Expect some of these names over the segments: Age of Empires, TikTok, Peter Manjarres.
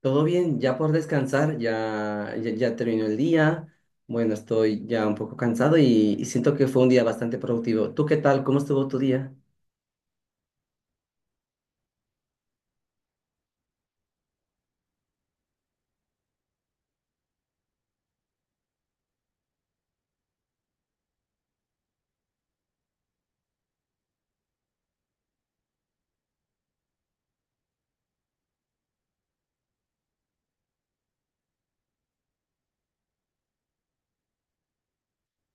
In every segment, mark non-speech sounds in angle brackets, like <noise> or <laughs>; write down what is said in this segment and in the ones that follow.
Todo bien, ya por descansar, ya, ya, ya terminó el día. Bueno, estoy ya un poco cansado y siento que fue un día bastante productivo. ¿Tú qué tal? ¿Cómo estuvo tu día?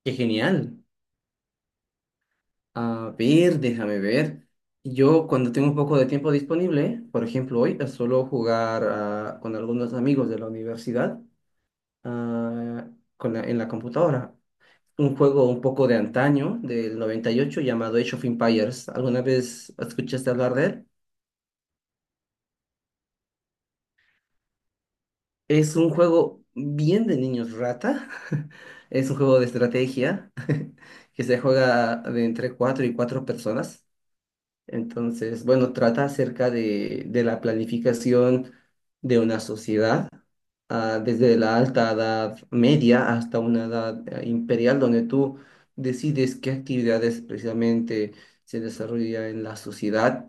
¡Qué genial! A ver, déjame ver. Yo cuando tengo un poco de tiempo disponible, por ejemplo hoy, suelo jugar con algunos amigos de la universidad, ah, en la computadora. Un juego un poco de antaño, del 98, llamado Age of Empires. ¿Alguna vez escuchaste hablar de él? Es un juego bien de niños rata. <laughs> Es un juego de estrategia que se juega de entre cuatro y cuatro personas. Entonces, bueno, trata acerca de la planificación de una sociedad, desde la alta edad media hasta una edad imperial, donde tú decides qué actividades precisamente se desarrolla en la sociedad,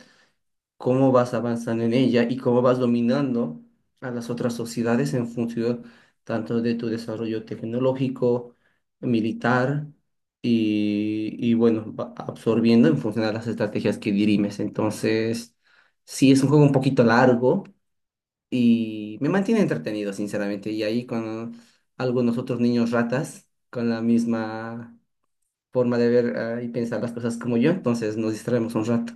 cómo vas avanzando en ella y cómo vas dominando a las otras sociedades en función tanto de tu desarrollo tecnológico, militar y, bueno, va absorbiendo en función de las estrategias que dirimes. Entonces, sí, es un juego un poquito largo y me mantiene entretenido, sinceramente. Y ahí con algunos otros niños ratas, con la misma forma de ver, y pensar las cosas como yo, entonces nos distraemos un rato.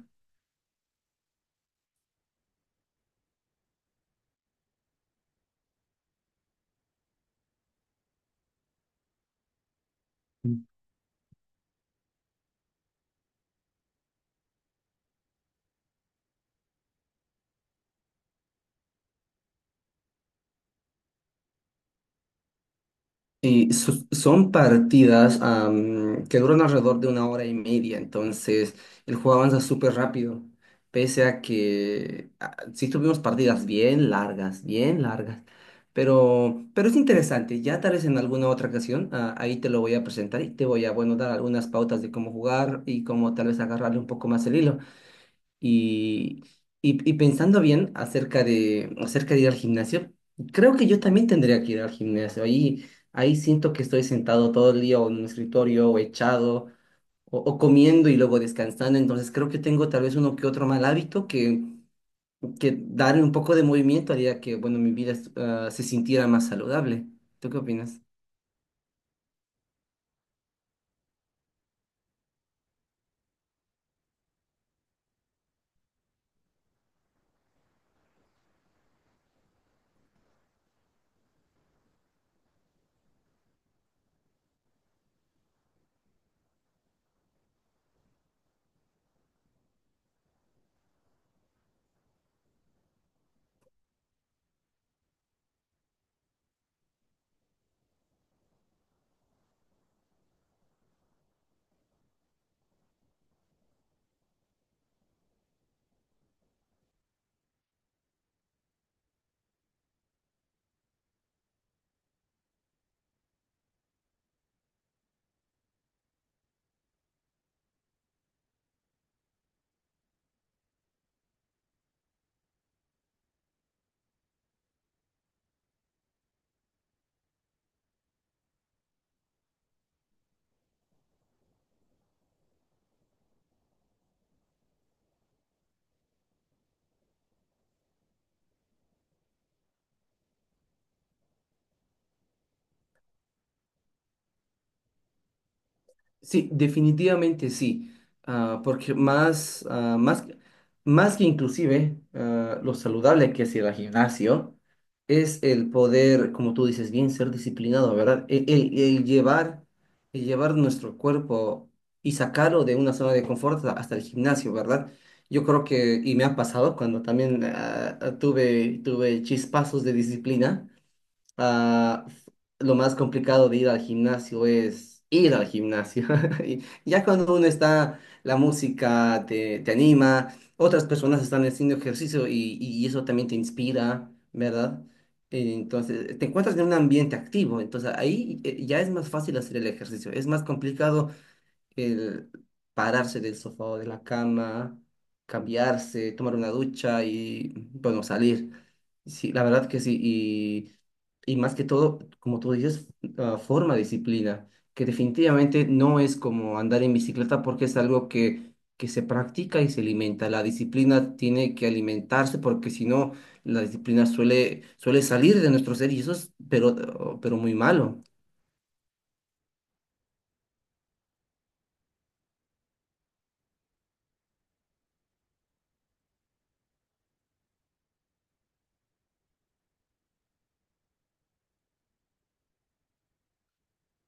Sí, son partidas que duran alrededor de una hora y media, entonces el juego avanza súper rápido, pese a que, sí tuvimos partidas bien largas, pero es interesante, ya tal vez en alguna otra ocasión ahí te lo voy a presentar y te voy a, bueno, dar algunas pautas de cómo jugar y cómo tal vez agarrarle un poco más el hilo. Y, y pensando bien acerca de ir al gimnasio, creo que yo también tendría que ir al gimnasio. Ahí siento que estoy sentado todo el día o en un escritorio o echado o comiendo y luego descansando. Entonces creo que tengo tal vez uno que otro mal hábito que darle un poco de movimiento haría que, bueno, mi vida, se sintiera más saludable. ¿Tú qué opinas? Sí, definitivamente sí, porque más que inclusive, lo saludable que es ir al gimnasio, es el poder, como tú dices bien, ser disciplinado, ¿verdad? El llevar nuestro cuerpo y sacarlo de una zona de confort hasta el gimnasio, ¿verdad? Yo creo que, y me ha pasado cuando también, tuve chispazos de disciplina, ah, f- lo más complicado de ir al gimnasio es ir al gimnasio. <laughs> Y ya cuando uno está, la música te anima, otras personas están haciendo ejercicio y eso también te inspira, ¿verdad? Entonces, te encuentras en un ambiente activo, entonces ahí, ya es más fácil hacer el ejercicio. Es más complicado el pararse del sofá o de la cama, cambiarse, tomar una ducha y, bueno, salir. Sí, la verdad que sí. Y más que todo, como tú dices, forma disciplina, que definitivamente no es como andar en bicicleta porque es algo que se practica y se alimenta. La disciplina tiene que alimentarse porque si no, la disciplina suele salir de nuestro ser y eso es, pero muy malo.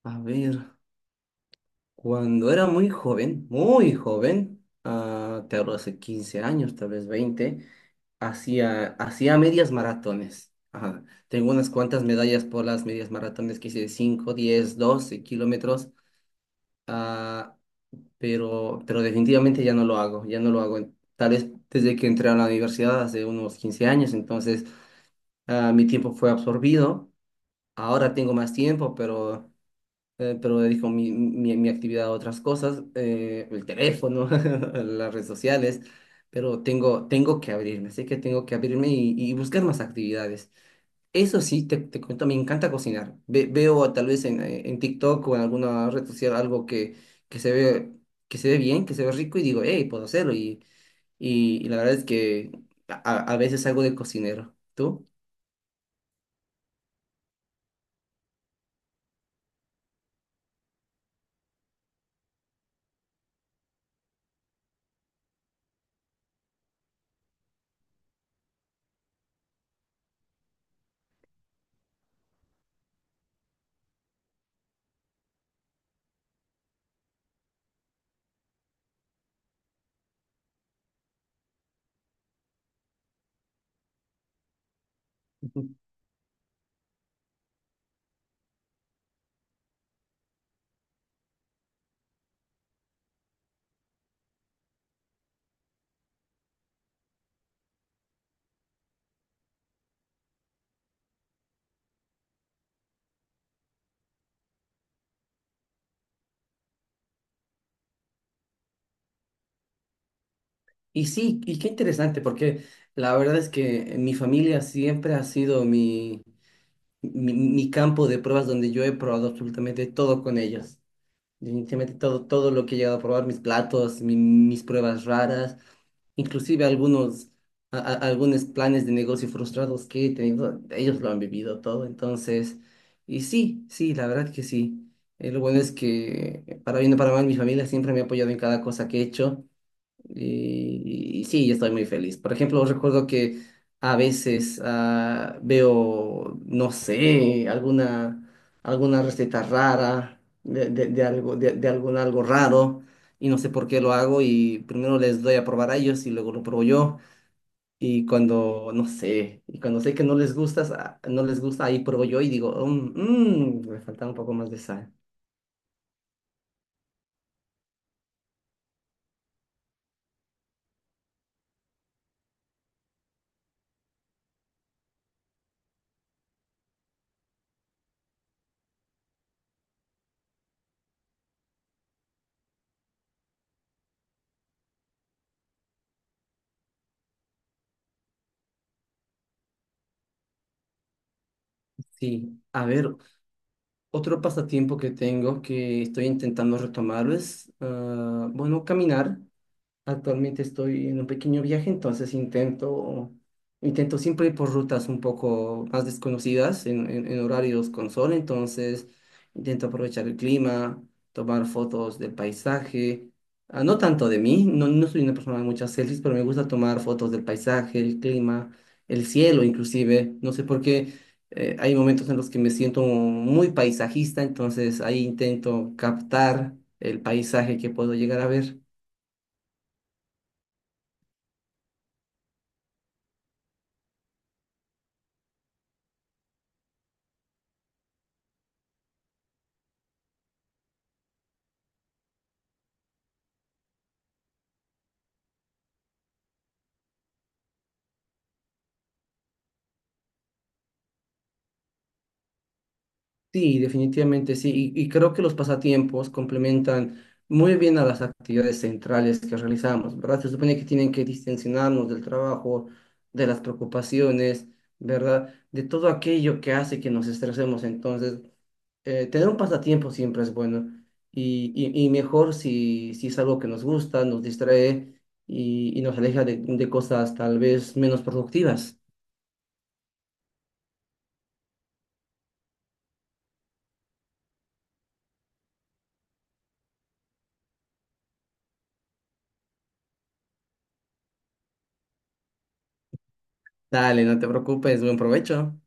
A ver. Cuando era muy joven, te hablo hace 15 años, tal vez 20, hacía medias maratones. Ajá. Tengo unas cuantas medallas por las medias maratones que hice de 5, 10, 12 kilómetros, ah, pero definitivamente ya no lo hago, ya no lo hago. Tal vez desde que entré a la universidad hace unos 15 años, entonces, mi tiempo fue absorbido. Ahora tengo más tiempo, pero dedico mi actividad a otras cosas, el teléfono, <laughs> las redes sociales, pero tengo que abrirme, así que tengo que abrirme y buscar más actividades. Eso sí, te cuento, me encanta cocinar. Veo tal vez en TikTok o en alguna red social algo que se ve, que se ve bien, que se ve rico y digo, hey, puedo hacerlo. Y la verdad es que a, a veces algo de cocinero. ¿Tú? Y sí, y qué interesante, porque la verdad es que mi familia siempre ha sido mi campo de pruebas donde yo he probado absolutamente todo con ellos. Definitivamente todo lo que he llegado a probar, mis platos, mis pruebas raras, inclusive algunos, algunos planes de negocio frustrados que he tenido, ellos lo han vivido todo. Entonces, y sí, sí, la verdad que sí. Lo bueno es que, para bien o para mal, mi familia siempre me ha apoyado en cada cosa que he hecho. Y y sí, yo estoy muy feliz. Por ejemplo, recuerdo que a veces, veo, no sé, alguna receta rara de algo, de algún algo raro y no sé por qué lo hago y primero les doy a probar a ellos y luego lo pruebo yo. Y cuando sé que no les gusta, no les gusta, ahí pruebo yo y digo, "Mm, mm, me falta un poco más de sal". Sí, a ver, otro pasatiempo que tengo que estoy intentando retomar es, bueno, caminar. Actualmente estoy en un pequeño viaje, entonces intento siempre ir por rutas un poco más desconocidas en, en horarios con sol, entonces intento aprovechar el clima, tomar fotos del paisaje, no tanto de mí, no soy una persona de muchas selfies, pero me gusta tomar fotos del paisaje, el clima, el cielo inclusive, no sé por qué, hay momentos en los que me siento muy paisajista, entonces ahí intento captar el paisaje que puedo llegar a ver. Sí, definitivamente sí. Y creo que los pasatiempos complementan muy bien a las actividades centrales que realizamos, ¿verdad? Se supone que tienen que distensionarnos del trabajo, de las preocupaciones, ¿verdad? De todo aquello que hace que nos estresemos. Entonces, tener un pasatiempo siempre es bueno y mejor si es algo que nos gusta, nos distrae y nos aleja de cosas tal vez menos productivas. Dale, no te preocupes, buen provecho.